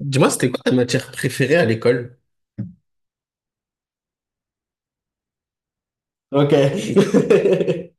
Dis-moi, c'était quoi ta matière préférée à l'école? Ok.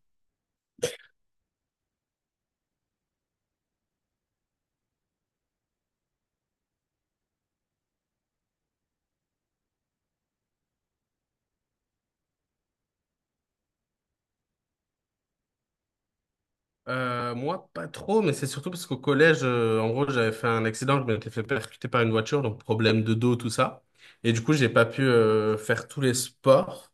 Moi, pas trop, mais c'est surtout parce qu'au collège, en gros, j'avais fait un accident, je m'étais fait percuter par une voiture, donc problème de dos, tout ça. Et du coup, j'ai pas pu faire tous les sports.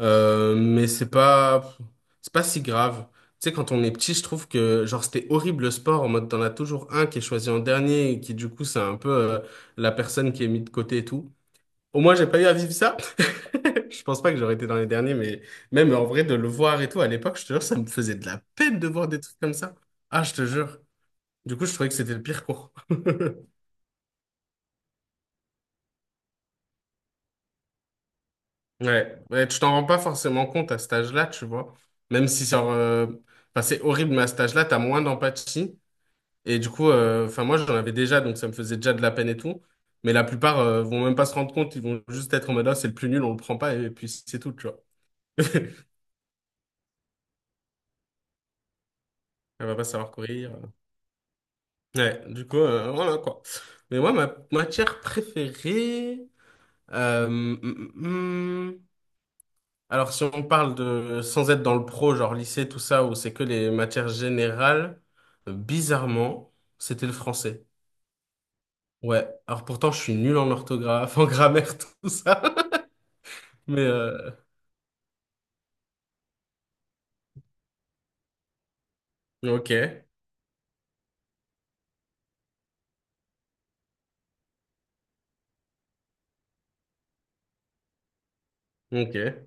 Mais c'est pas si grave. Tu sais, quand on est petit, je trouve que, genre, c'était horrible le sport, en mode, t'en as toujours un qui est choisi en dernier, et qui, du coup, c'est un peu la personne qui est mise de côté et tout. Au moins, j'ai pas eu à vivre ça. Je pense pas que j'aurais été dans les derniers, mais même en vrai, de le voir et tout, à l'époque, je te jure, ça me faisait de la peine de voir des trucs comme ça. Ah, je te jure. Du coup, je trouvais que c'était le pire cours. Ouais, ouais, tu t'en rends pas forcément compte à cet âge-là, tu vois. Même si enfin, c'est horrible, mais à cet âge-là, t'as moins d'empathie. Et du coup, enfin, moi, j'en avais déjà, donc ça me faisait déjà de la peine et tout. Mais la plupart, vont même pas se rendre compte, ils vont juste être en mode, ah, c'est le plus nul, on le prend pas, et puis c'est tout, tu vois. Elle va pas savoir courir. Ouais, du coup, voilà quoi. Mais moi, ma matière préférée. euh, mm, mm, mm. Alors, si on parle de. Sans être dans le pro, genre lycée, tout ça, où c'est que les matières générales, bizarrement, c'était le français. Ouais. Alors, pourtant, je suis nul en orthographe, en grammaire, tout ça. Mais. euh, ok. Ok.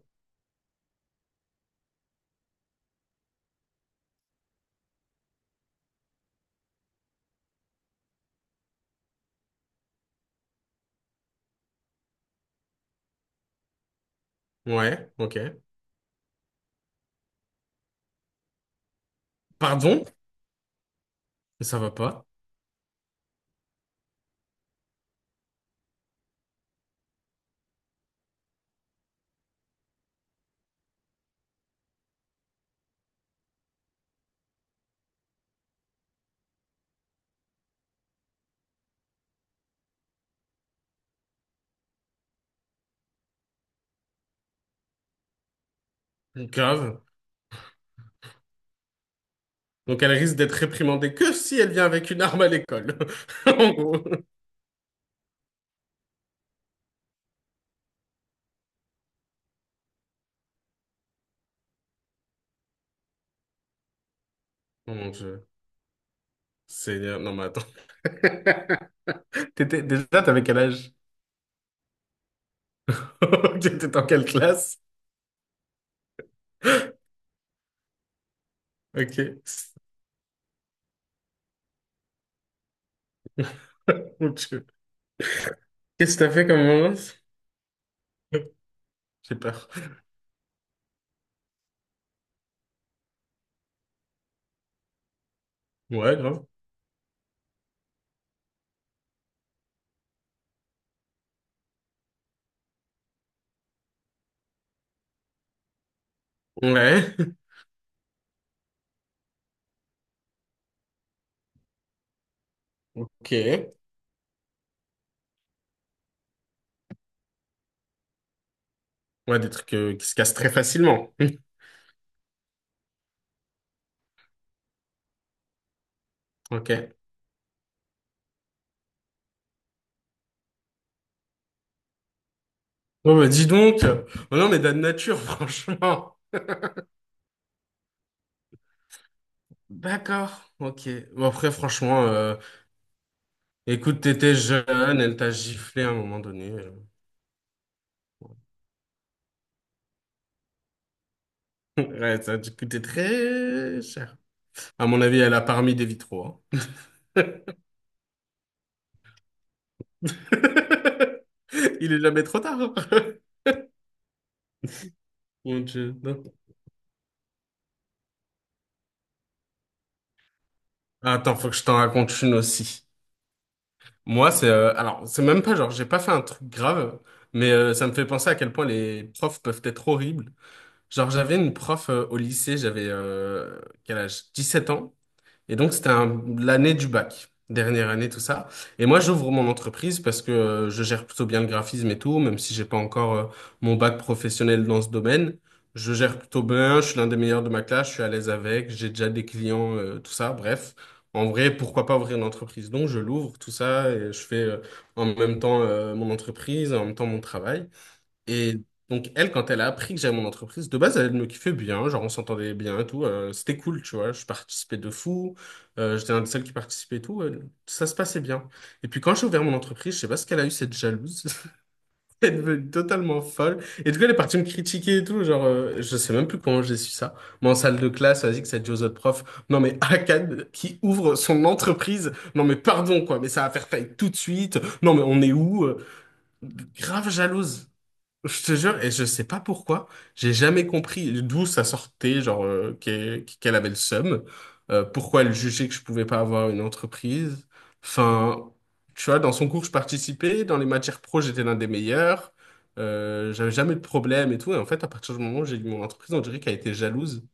Ouais. Ok. Pardon? Mais ça va pas. Grave. Donc, elle risque d'être réprimandée que si elle vient avec une arme à l'école. En gros. Oh mon Dieu. Seigneur, non mais attends. T'étais... Déjà, t'avais quel âge? T'étais en quelle classe? Ok. Mon Dieu. Qu'est-ce que t'as fait comme violence? J'ai peur. Ouais, grave. Ouais. Ok. Ouais, des trucs qui se cassent très facilement. Ok. Bon, bah dis donc. Oh non, mais de nature, franchement. D'accord. Ok. Bon, après, franchement, écoute, t'étais jeune, elle t'a giflé à un moment donné. Ouais, ça a dû coûter très cher. À mon avis, elle a parmi des vitraux. Hein. Il est jamais trop tard. Mon Dieu, non. Attends, faut que je t'en raconte une aussi. Moi, c'est alors, c'est même pas genre, j'ai pas fait un truc grave, mais ça me fait penser à quel point les profs peuvent être horribles. Genre, j'avais une prof au lycée, j'avais quel âge? 7 ans. Et donc, c'était l'année du bac, dernière année, tout ça. Et moi, j'ouvre mon entreprise parce que je gère plutôt bien le graphisme et tout, même si j'ai pas encore mon bac professionnel dans ce domaine. Je gère plutôt bien, je suis l'un des meilleurs de ma classe, je suis à l'aise avec, j'ai déjà des clients, tout ça. Bref, en vrai, pourquoi pas ouvrir une entreprise? Donc, je l'ouvre, tout ça, et je fais en même temps mon entreprise, en même temps mon travail. Et donc, elle, quand elle a appris que j'avais mon entreprise, de base, elle me kiffait bien. Genre, on s'entendait bien et tout. C'était cool, tu vois. Je participais de fou. J'étais un des seuls qui participait et tout. Ça se passait bien. Et puis, quand j'ai ouvert mon entreprise, je sais pas ce qu'elle a eu, cette jalouse. Elle est devenue totalement folle. Et du coup, elle est partie me critiquer et tout. Genre, je sais même plus comment j'ai su ça. Mais en salle de classe, vas-y, que ça dit aux autres profs. Non, mais Akad qui ouvre son entreprise. Non, mais pardon, quoi. Mais ça va faire faillite tout de suite. Non, mais on est où? Grave jalouse. Je te jure, et je sais pas pourquoi, j'ai jamais compris d'où ça sortait, genre qu'elle avait le seum, pourquoi elle jugeait que je pouvais pas avoir une entreprise. Enfin, tu vois, dans son cours, je participais, dans les matières pro, j'étais l'un des meilleurs, j'avais jamais de problème et tout, et en fait, à partir du moment où j'ai eu mon entreprise, on dirait qu'elle était jalouse.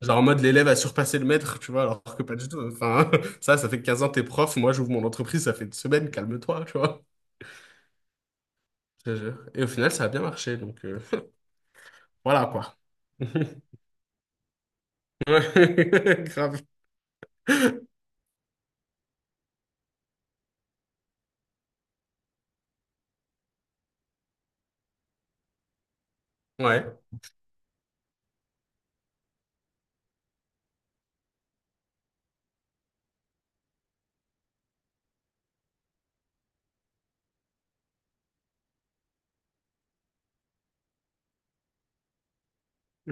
Genre en mode l'élève a surpassé le maître, tu vois, alors que pas du tout. Enfin, ça fait 15 ans que t'es prof, moi j'ouvre mon entreprise, ça fait une semaine, calme-toi, tu vois. Je te jure. Et au final, ça a bien marché, donc... Voilà quoi. Ouais, Grave. Ouais.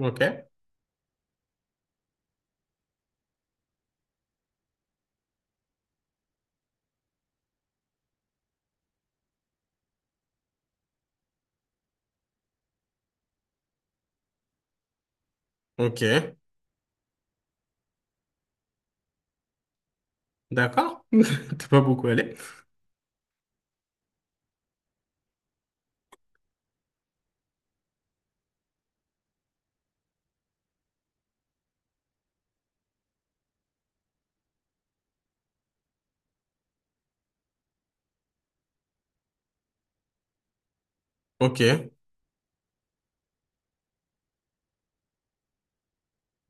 Ok. Ok. D'accord. T'es pas beaucoup allé. Ok.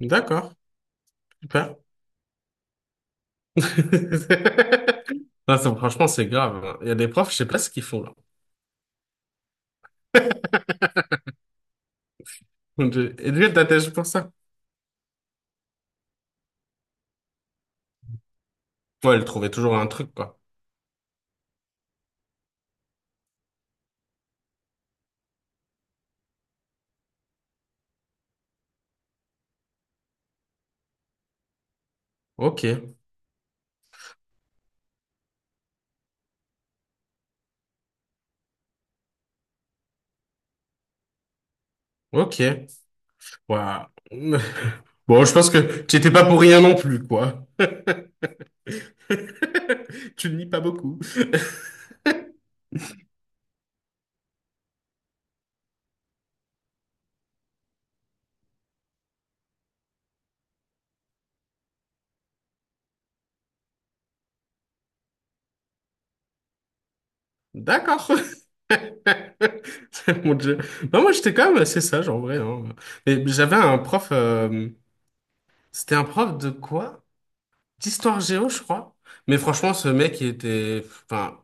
D'accord. Super. Là, franchement, c'est grave. Hein. Il y a des profs, je sais pas ce qu'ils font là. Donc, Et lui, elle t'attache pour ça. Ouais, elle trouvait toujours un truc, quoi. Ok, ok. Ouah. Bon, je pense que tu étais pas pour rien non plus, quoi. Tu ne lis pas beaucoup. D'accord. Mon Dieu. Non, moi, j'étais quand même assez sage, en vrai. Hein. Et j'avais un prof... euh, C'était un prof de quoi? D'histoire géo, je crois. Mais franchement, ce mec, il était... Enfin,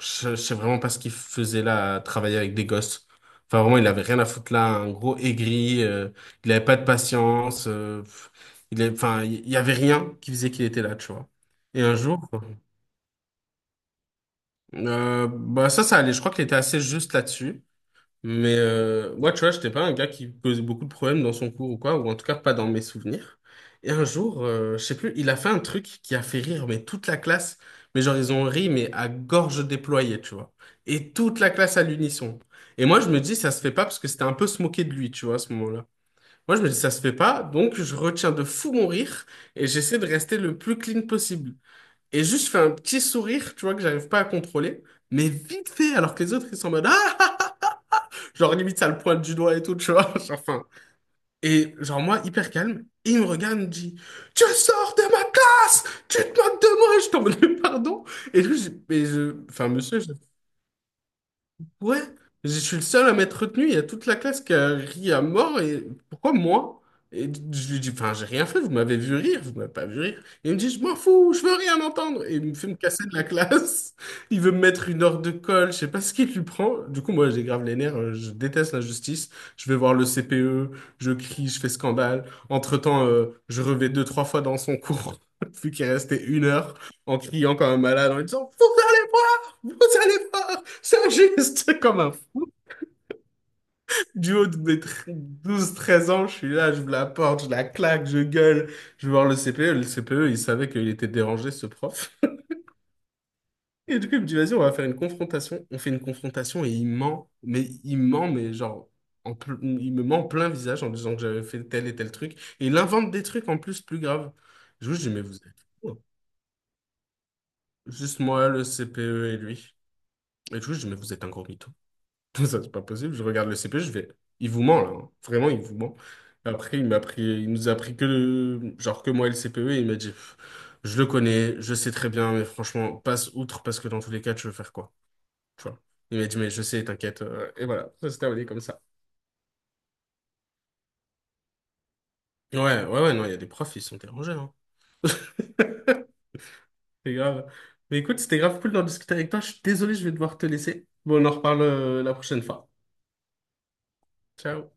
je sais vraiment pas ce qu'il faisait là, à travailler avec des gosses. Enfin, vraiment, il avait rien à foutre là. Un gros aigri. Il avait pas de patience. Enfin, il y avait rien qui faisait qu'il était là, tu vois. Et un jour... Bah ça, ça allait. Je crois qu'il était assez juste là-dessus. Mais moi, tu vois, j'étais pas un gars qui posait beaucoup de problèmes dans son cours ou quoi, ou en tout cas pas dans mes souvenirs. Et un jour, je sais plus, il a fait un truc qui a fait rire, mais toute la classe, mais genre ils ont ri, mais à gorge déployée, tu vois. Et toute la classe à l'unisson. Et moi, je me dis, ça se fait pas parce que c'était un peu se moquer de lui, tu vois, à ce moment-là. Moi, je me dis, ça se fait pas, donc je retiens de fou mon rire et j'essaie de rester le plus clean possible. Et juste, je fais un petit sourire, tu vois, que j'arrive pas à contrôler, mais vite fait, alors que les autres, ils sont en mode, Ah! Genre, limite, ça le pointe du doigt et tout, tu vois. Genre, Enfin. Et, genre, moi, hyper calme. Et il me regarde, il me dit, Tu sors de ma classe! Tu te moques de moi! Je t'en mode, mais pardon. Et lui, enfin, monsieur. Ouais, je suis le seul à m'être retenu. Il y a toute la classe qui a ri à mort. Et pourquoi moi? Et je lui dis, enfin, j'ai rien fait. Vous m'avez vu rire. Vous m'avez pas vu rire. Et il me dit, je m'en fous. Je veux rien entendre. Et il me fait me casser de la classe. Il veut me mettre une heure de colle. Je sais pas ce qu'il lui prend. Du coup, moi, j'ai grave les nerfs. Je déteste l'injustice. Je vais voir le CPE. Je crie. Je fais scandale. Entre-temps, je revais deux, trois fois dans son cours. Vu qu'il restait une heure en criant comme un malade en lui disant, vous allez voir! Vous allez voir! C'est un geste comme un fou. Du haut de mes douze treize ans, je suis là, je me la porte, je la claque, je gueule. Je vais voir le CPE. Le CPE, il savait qu'il était dérangé, ce prof. Et du coup, il me dit, vas-y, on va faire une confrontation. On fait une confrontation et il ment. Mais il ment, mais genre, il me ment en plein visage en disant que j'avais fait tel et tel truc. Et il invente des trucs en plus graves. Du coup, Je lui dis, mais vous êtes fous. Hein. Juste moi, le CPE et lui. Et du coup, je dis, mais vous êtes un gros mytho. Ça, c'est pas possible. Je regarde le CP, je vais. Il vous ment, là. Hein. Vraiment, il vous ment. Après, il m'a pris, il nous a pris que le, genre que moi et le CPE, et il m'a dit, je le connais, je sais très bien, mais franchement, passe outre parce que dans tous les cas, tu veux faire quoi? Tu vois. Il m'a dit, mais je sais, t'inquiète. Et voilà, ça s'est terminé comme ça. Ouais, ouais, ouais, non, il y a des profs, ils sont dérangés, hein. C'est grave. Mais écoute, c'était grave cool d'en discuter avec toi. Je suis désolé, je vais devoir te laisser. Bon, on en reparle la prochaine fois. Ciao.